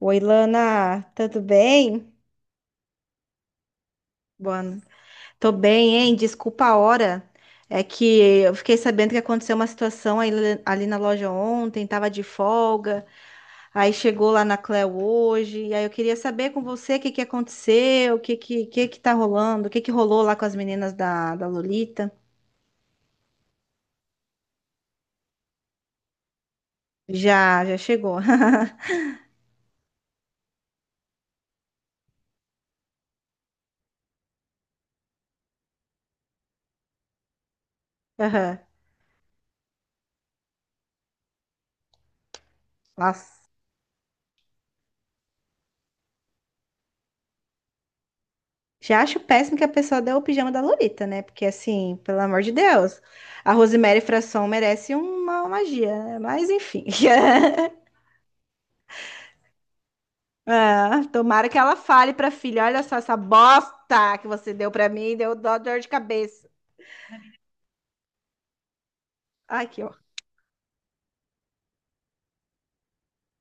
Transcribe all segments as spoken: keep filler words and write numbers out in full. Oi, Lana, tudo bem? Boa. no- Tô bem, hein? Desculpa a hora. É que eu fiquei sabendo que aconteceu uma situação aí le- ali na loja ontem, tava de folga, aí chegou lá na Cleo hoje, e aí eu queria saber com você o que que aconteceu, o que que, que que tá rolando, o que que rolou lá com as meninas da, da Lolita. Já, já chegou. Aham. Nossa. Já acho péssimo que a pessoa deu o pijama da Lolita, né? Porque, assim, pelo amor de Deus, a Rosemary Fração merece uma magia, né? Mas, enfim. Ah, tomara que ela fale pra filha: olha só essa bosta que você deu pra mim, deu dó, dor de cabeça. Ai, que ó.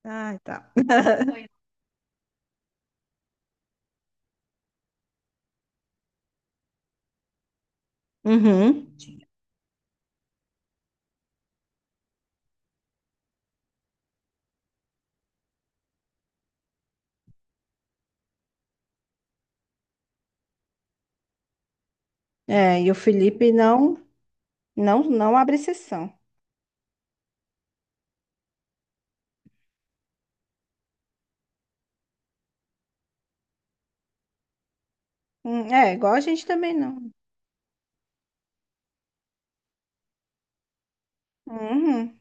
Ai, tá. Uhum. É, e o Felipe não, não, não abre exceção. Hum, É, igual a gente também não. Uhum.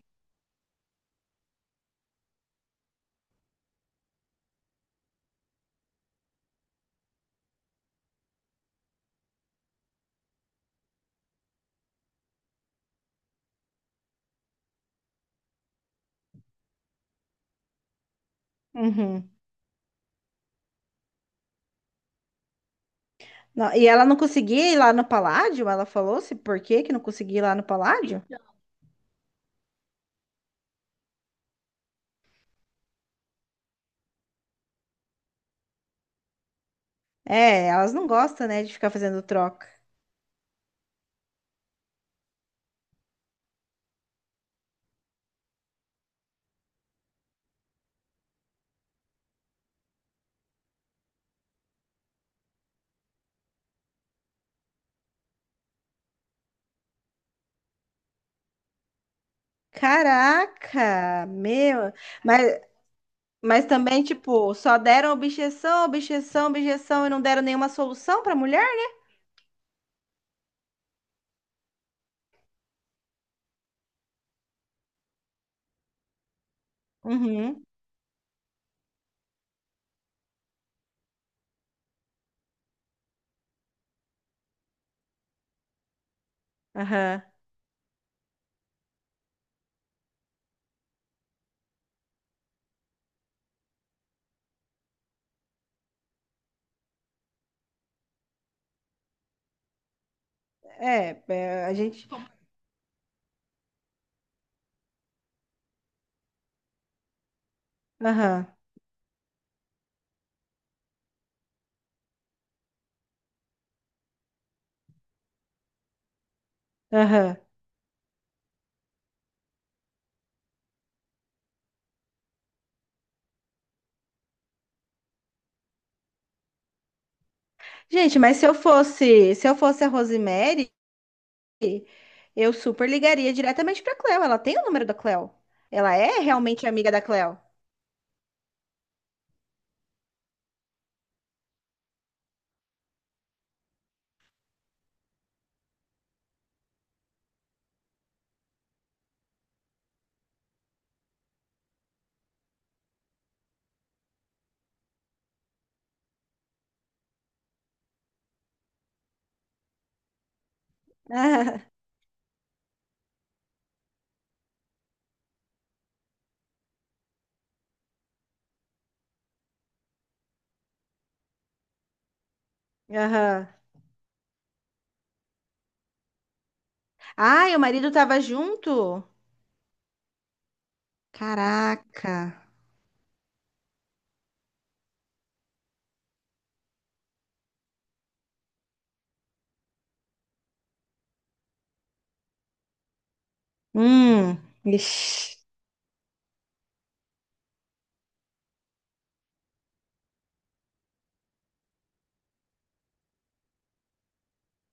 Uhum. Não, e ela não conseguia ir lá no Paládio? Ela falou-se por que que não conseguia ir lá no Paládio? É, elas não gostam, né, de ficar fazendo troca. Caraca, meu. Mas, mas também, tipo, só deram objeção, objeção, objeção e não deram nenhuma solução pra mulher? Uhum, aham. É, é, a gente. Aham, aham. Gente, mas se eu fosse, se eu fosse a Rosemary, eu super ligaria diretamente pra Cleo. Ela tem o número da Cleo. Ela é realmente amiga da Cleo. Aham. Aham. Ai, o marido tava junto? Caraca. Hum, ixi,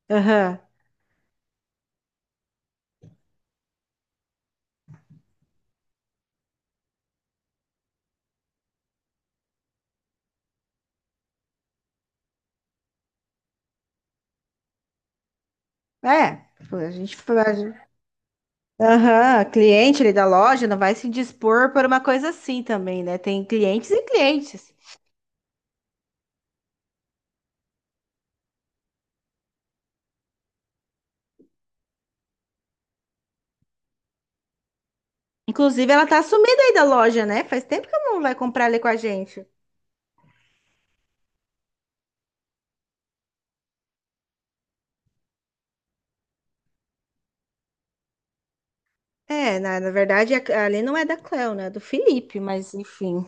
aham. É, pô, a gente faz. Aham, cliente ali da loja não vai se dispor por uma coisa assim também, né? Tem clientes e clientes. Inclusive, ela tá sumida aí da loja, né? Faz tempo que ela não vai comprar ali com a gente. É, na, na verdade, a- ali não é da Cleo, né? É do Felipe, mas enfim.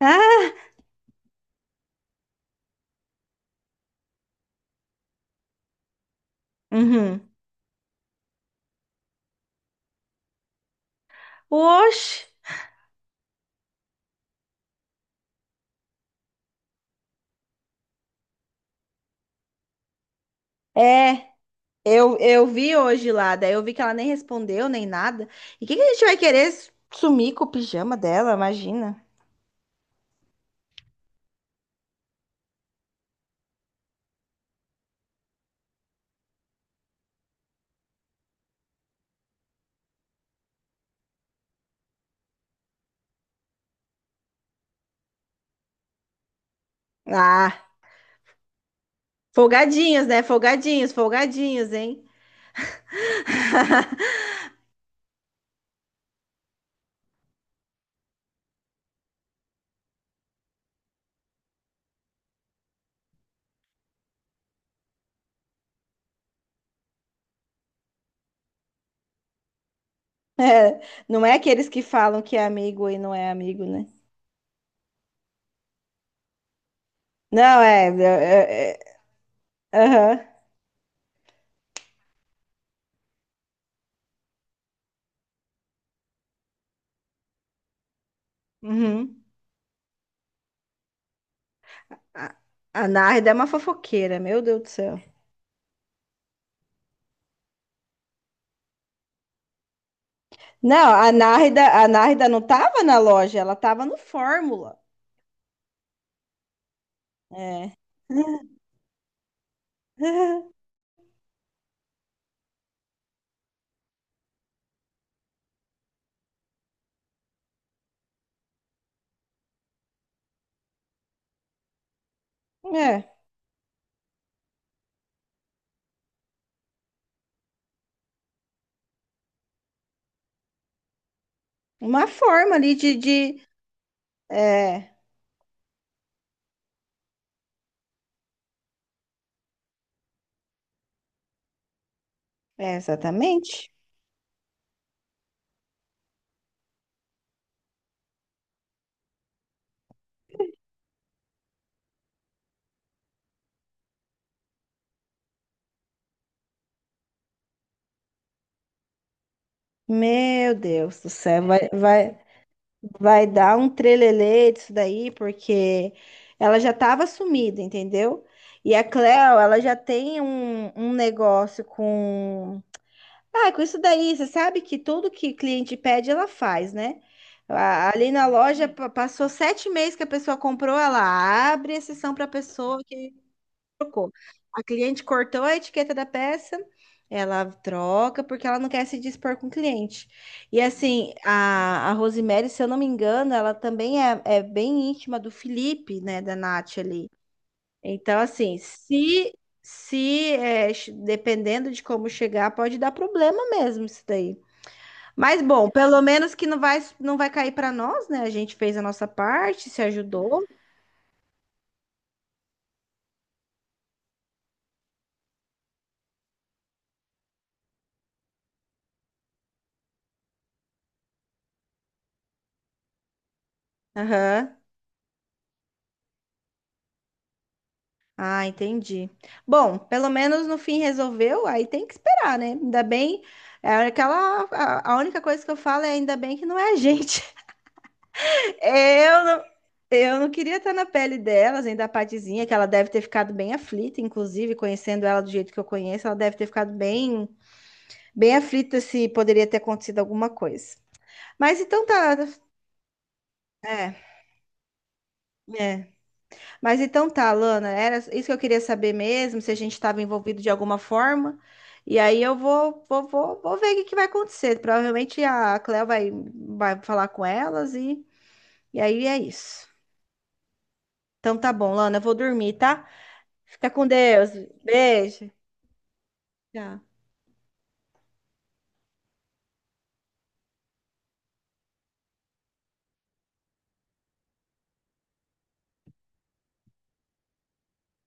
Ah, uhum. Oxe, é. Eu, eu vi hoje lá, daí eu vi que ela nem respondeu nem nada. E o que que a gente vai querer sumir com o pijama dela? Imagina. Ah, folgadinhos, né? Folgadinhos, folgadinhos, hein? É, não é aqueles que falam que é amigo e não é amigo, né? Não, é. É, é, é, aham. Uhum. A, a Nárida é uma fofoqueira, meu Deus do céu. Não, a Nárida, a Nárida não tava na loja, ela tava no Fórmula. É. É, uma forma ali de, de... É, é, exatamente. Meu Deus do céu, vai, vai, vai dar um trelelê disso daí, porque ela já estava sumida, entendeu? E a Cleo, ela já tem um, um negócio com. Ah, com isso daí, você sabe que tudo que cliente pede, ela faz, né? A- Ali na loja, pa- passou sete meses que a pessoa comprou, ela abre a sessão para a pessoa trocou. A cliente cortou a etiqueta da peça, ela troca porque ela não quer se dispor com o cliente. E assim, a, a Rosemary, se eu não me engano, ela também é, é bem íntima do Felipe, né, da Nath ali. Então, assim, se, se é, ch- dependendo de como chegar, pode dar problema mesmo isso daí. Mas bom, pelo menos que não vai, não vai cair para nós, né? A gente fez a nossa parte, se ajudou. Aham. Ah, entendi. Bom, pelo menos no fim resolveu, aí tem que esperar, né? Ainda bem, é aquela, a, a única coisa que eu falo é ainda bem que não é a gente. Eu não, eu não queria estar na pele delas, ainda a Patizinha, que ela deve ter ficado bem aflita, inclusive, conhecendo ela do jeito que eu conheço, ela deve ter ficado bem, bem aflita se poderia ter acontecido alguma coisa. Mas então tá, é, é. Mas então tá, Lana, era isso que eu queria saber mesmo, se a gente estava envolvido de alguma forma. E aí eu vou, vou, vou, vou ver o que que vai acontecer. Provavelmente a Cleo vai, vai falar com elas e, e aí é isso. Então tá bom, Lana, eu vou dormir, tá? Fica com Deus. Beijo. Tchau.